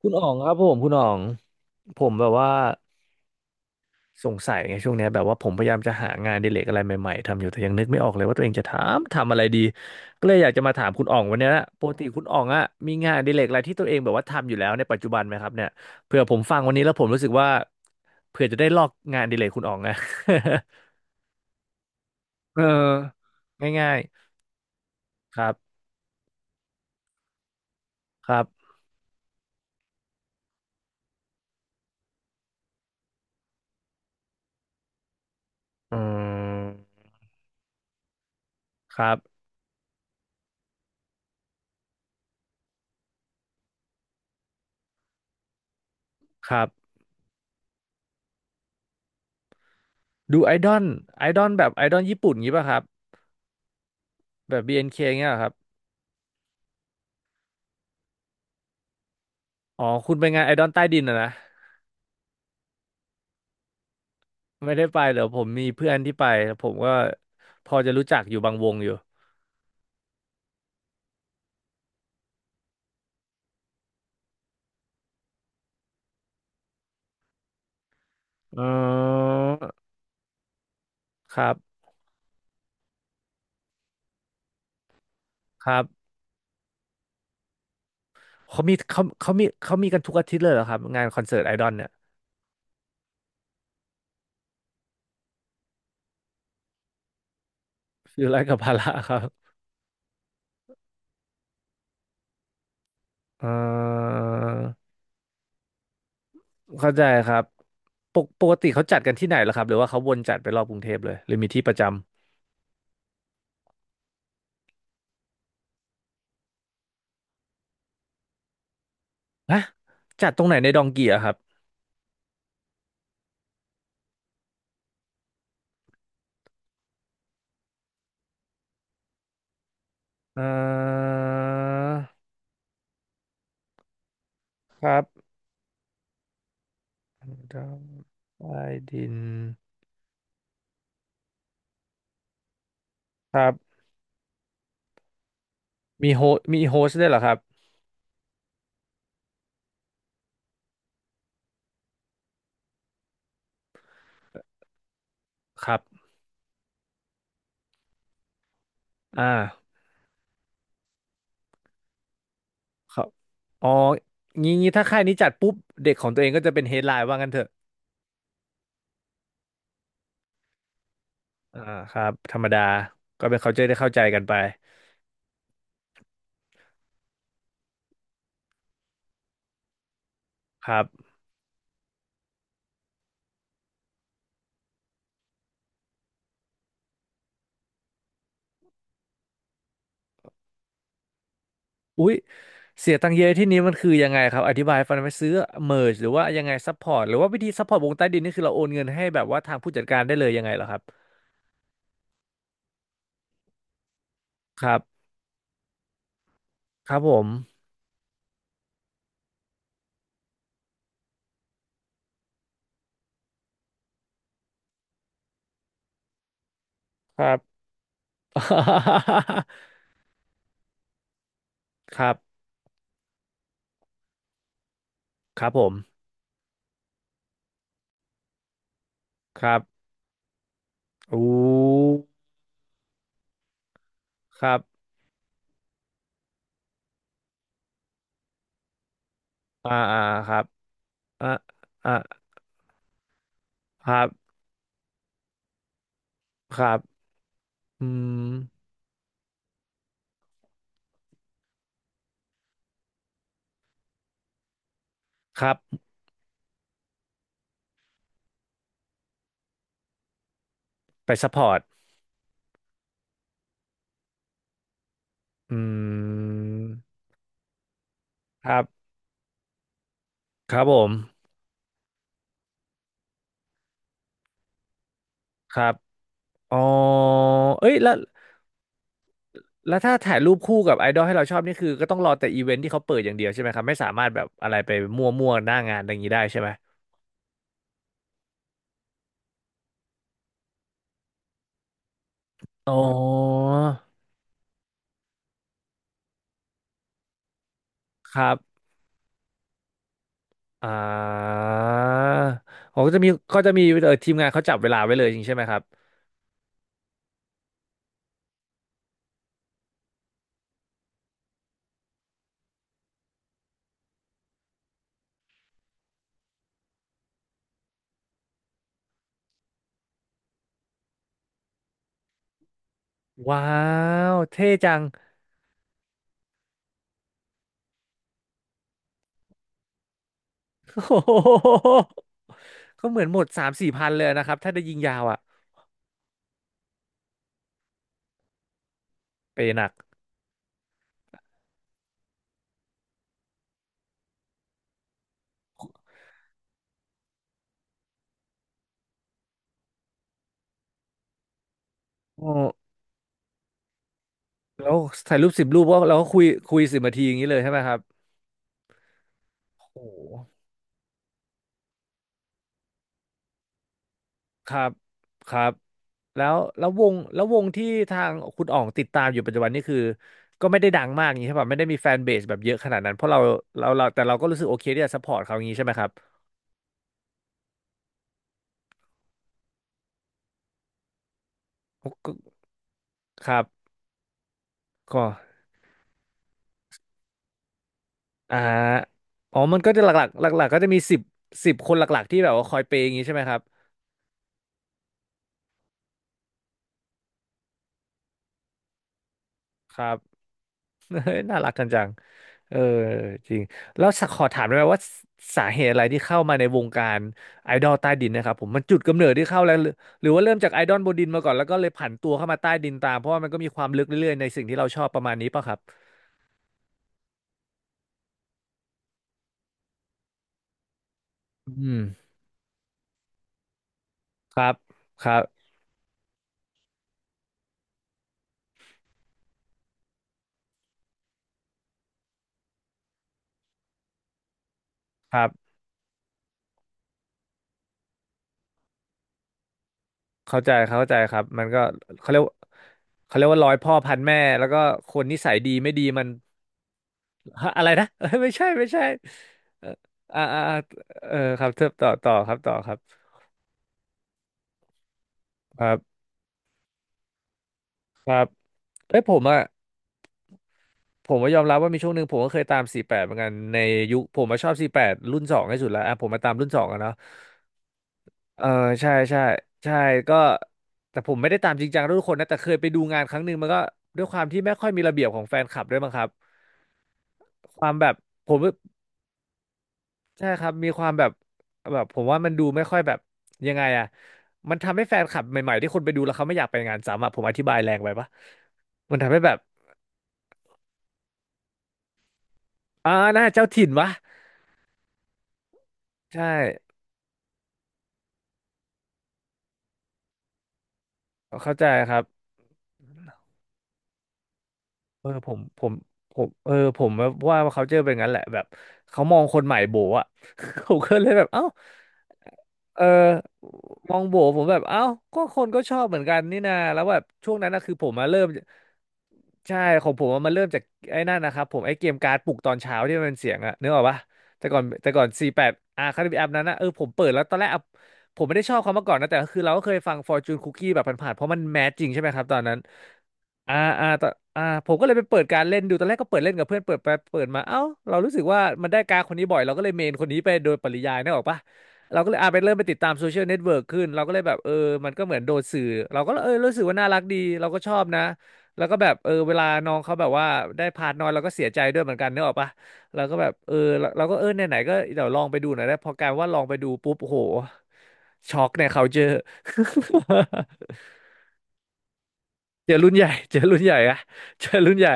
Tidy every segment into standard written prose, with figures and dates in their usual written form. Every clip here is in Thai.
คุณอ๋องครับผมคุณอ๋องผมแบบว่าสงสัยไงช่วงเนี้ยแบบว่าผมพยายามจะหางานอดิเรกอะไรใหม่ๆทำอยู่แต่ยังนึกไม่ออกเลยว่าตัวเองจะทำอะไรดีก็เลยอยากจะมาถามคุณอ๋องวันเนี้ยนะปกติคุณอ๋องอะมีงานอดิเรกอะไรที่ตัวเองแบบว่าทำอยู่แล้วในปัจจุบันไหมครับเนี่ยเผื่อผมฟังวันนี้แล้วผมรู้สึกว่าเผื่อจะได้ลอกงานอดิเรกคุณอ๋องนะ เออง่ายๆครับครับอืมครับครับดูไอดอลไอดอลแบบไอดอลญี่ปุ่นงี้ป่ะครับแบบ BNK เอ็นเคเงี้ยเหรอครับ อ๋อ คุณไปงานไอดอลใต้ดินอะนะ ไม่ได้ไปเหรอผมมีเพื่อนที่ไปผมก็พอจะรู้จักอยู่บางวงอยู่อ๋อครับครับเขามีกันทุกอาทิตย์เลยเหรอครับงานคอนเสิร์ตไอดอลเนี่ยฟิลไลกับภาระครับเอ่อเข้าใจครับปกติเขาจัดกันที่ไหนเหรอครับหรือว่าเขาวนจัดไปรอบกรุงเทพเลยหรือมีที่ประจำฮะจัดตรงไหนในดองเกียครับเอ่อครับดองใต้ดินครับ มีโฮมีโฮสต์ด้วยเหรอครับครับอ่าครับอ๋องี้ถ้าค่ายนี้จัดปุ๊บเด็กของตัวเองก็จะเป็นเฮดไลน์ว่างั้นเถอะอ่าครับธรรมดาก็เป็น culture ได้เข้าใจกันไปครับอุ๊ยเสียตังค์เยอะที่นี้มันคือยังไงครับอธิบายให้ฟังหน่อยไหมซื้อเม r ร์หรือว่ายังไงซัพพอร์ตหรือว่าวิธีซัพพอร์ตวงใต้ดินนี่คือเราโอนเงินให้แบบว่าทางผู้จัดการได้เลยยังไงเหรอครับครับครับผมครับ ครับครับผมครับอู้ครับอ่าอ่าครับ อ่ะอ่ะครับครับอืมครับ ไปซัพพอร์ตอืมครับครับผม ครับอ๋อเอ้ยแล้ว แล้วถ้าถ่ายรูปคู่กับไอดอลให้เราชอบนี่คือก็ต้องรอแต่อีเวนท์ที่เขาเปิดอย่างเดียวใช่ไหมครับ ไม่สามารถแบบอะไรไปมั่วๆหน้างานอะไรอย่างนี้ได้ใช่ไหม อ๋อ ครับอ่าเขาก็จะมีเขาจะมีทีมงานเขาจับเวลาไว้เลยจริงใช่ไหมครับ ว้าว เท่จัง โอ้โห ก็เหมือนหมด3,000-4,000เลยนะครับถ้าได้ยิงยาวอ่ะเปหนักโอ้แล้วถ่ายรูป10 รูปก็เราก็คุย10 นาทีอย่างนี้เลยใช่ไหมครับโอ้โหครับครับแล้ววงที่ทางคุณอ๋องติดตามอยู่ปัจจุบันนี่คือก็ไม่ได้ดังมากอย่างนี้ใช่ป่ะไม่ได้มีแฟนเบสแบบเยอะขนาดนั้นเพราะเราแต่เราก็รู้สึกโอเคที่จะซัพพอร์ตเขาอย่างนี้ใช่ไหมครับก็ครับก็อ่าอ๋อมันก็จะหลักๆหลักๆก็จะมีสิบคนหลักๆที่แบบว่าคอยเปย์อย่างนี้ใช่ไหมครับ ครับ เฮ้ยน่ารักกันจังเออจริงแล้วสักขอถามได้ไหมว่าสาเหตุอะไรที่เข้ามาในวงการไอดอลใต้ดินนะครับผมมันจุดกำเนิดที่เข้าแล้วหรือหรือว่าเริ่มจากไอดอลบนดินมาก่อนแล้วก็เลยผันตัวเข้ามาใต้ดินตามเพราะว่ามันก็มีความลึกเรื่อยๆในสิ่งที่เราชอบประมาณนี้ป่ะครับอืมครับครับครับเข้าใจเข้าใจครับมันก็เขาเรียกเขาเรียกว่าร้อยพ่อพันแม่แล้วก็คนนิสัยดีไม่ดีมันฮะอะไรนะเอ้ย ไม่ใช่ไม่ใช่เอออ่าอ่าอ่าเออครับเทิบต่อครับต่อครับ ครับเอ้ยผมอะผมก็ยอมรับว่ามีช่วงหนึ่งผมก็เคยตามสี่สิบแปดเหมือนกันในยุคผมมาชอบสี่สิบแปดรุ่นสองที่สุดแล้วอ่ะผมมาตามรุ่นสองอะเนาะเออใช่ใช่ใช่ก็แต่ผมไม่ได้ตามจริงจังทุกคนนะแต่เคยไปดูงานครั้งหนึ่งมันก็ด้วยความที่ไม่ค่อยมีระเบียบของแฟนคลับด้วยมั้งครับความแบบผมใช่ครับมีความแบบแบบผมว่ามันดูไม่ค่อยแบบยังไงอะมันทำให้แฟนคลับใหม่ๆที่คนไปดูแล้วเขาไม่อยากไปงานซ้ำอะผมอธิบายแรงไปปะมันทำให้แบบอ่าน่าเจ้าถิ่นวะใช่ เข้าใจครับเออผมเออผมว่าเขาเจอเป็นงั้นแหละแบบเขามองคนใหม่โบออะ ผมก็เลยแบบเอ้าเออมองโบผมแบบเอ้าก็คนก็ชอบเหมือนกันนี่นาแล้วแบบช่วงนั้นนะคือผมมาเริ่มใช่ของผมอะมันเริ่มจากไอ้นั่นนะครับผมไอ้เกมการ์ดปลุกตอนเช้าที่มันเป็นเสียงอะนึกออกปะแต่ก่อน48อ่ะคาริบแอปนั้นนะผมเปิดแล้วตอนแรกอะผมไม่ได้ชอบเขามาก่อนนะแต่ก็คือเราก็เคยฟัง Fortune Cookie แบบผ่านๆเพราะมันแมสจริงใช่ไหมครับตอนนั้น อ่าอ่าตอนอ่าผมก็เลยไปเปิดการเล่นดูตอนแรกก็เปิดเล่นกับเพื่อนเปิดไปเปิดมาเอ้าเรารู้สึกว่ามันได้การดคนนี้บ่อยเราก็เลยเมนคนนี้ไปโดยปริยายนึกออกปะเราก็เลยไปเริ่มไปติดตามโซเชียลเน็ตเวิร์กขึ้นเราก็เลยแบบมันก็เหมือนโดนสื่อเราก็เออรู้สึกว่าน่ารักดีเราก็ชอบนะแล้วก็แบบเออเวลาน้องเขาแบบว่าได้พาร์ทน้อยเราก็เสียใจด้วยเหมือนกันนึกออกปะเราก็แบบเออเราก็เออไหนๆก็เดี๋ยวลองไปดูหน่อยได้พอกลายว่าลองไปดูปุ๊บโอ้โหช็อกเนี่ยเขาเจอ เจอรุ่นใหญ่ เจอรุ่นใหญ่อะเจอรุ่นใหญ่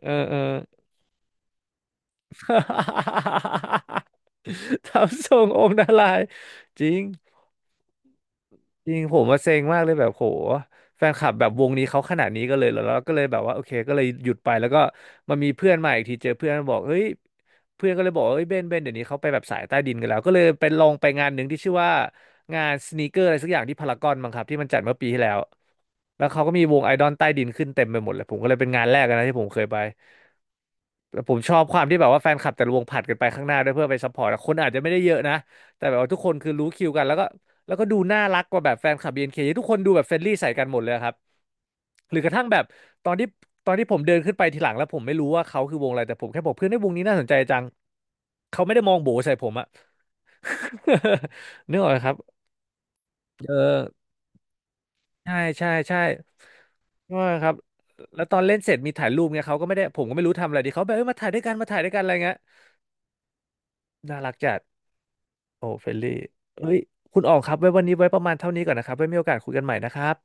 เออเออ ทำทรงองค์นารายณ์จริงจริงผมมาเซ็งมากเลยแบบโหแฟนคลับแบบวงนี้เขาขนาดนี้ก็เลยเหรอแล้วก็เลยแบบว่าโอเคก็เลยหยุดไปแล้วก็มามีเพื่อนมาอีกทีเจอเพื่อนบอกเฮ้ยเพื่อนก็เลยบอกว่าเฮ้ยเบนเบนเดี๋ยวนี้เขาไปแบบสายใต้ดินกันแล้วก็เลยไปลองไปงานหนึ่งที่ชื่อว่างานสนีกเกอร์อะไรสักอย่างที่พารากอนมั้งครับที่มันจัดเมื่อปีที่แล้วแล้วเขาก็มีวงไอดอลใต้ดินขึ้นเต็มไปหมดเลยผมก็เลยเป็นงานแรกนะที่ผมเคยไป แล้วผมชอบความที่แบบว่าแฟนคลับแต่ละวงผลัดกันไปข้างหน้าด้วยเพื่อไปซัพพอร์ตอะคนอาจจะไม่ได้เยอะนะแต่แบบว่าทุกคนคือรู้คิวกันแล้วก็ดูน่ารักกว่าแบบแฟนคลับ BNK ทุกคนดูแบบเฟรนลี่ใส่กันหมดเลยครับหรือกระทั่งแบบตอนที่ตอนที่ผมเดินขึ้นไปทีหลังแล้วผมไม่รู้ว่าเขาคือวงอะไรแต่ผมแค่บอกเพื่อนให้ยวงนี้น่าสนใจจังเขาไม่ได้มองโบใส่ผมอะ นึกออกไหมครับเออใช่ใช่ใช่ว่าครับแล้วตอนเล่นเสร็จมีถ่ายรูปเงี้ยเขาก็ไม่ได้ผมก็ไม่รู้ทำอะไรดีเขาแบบเออมาถ่ายด้วยกันมาถ่ายด้วยกันอะไรเงี้ยน่ารักจัด โอ้เฟลนลี่เอ้ยคุณออกครับไว้วันนี้ไว้ประมาณเท่านี้ก่อนนะครับไว้มีโอกาสคุยกันใหม่นะครับ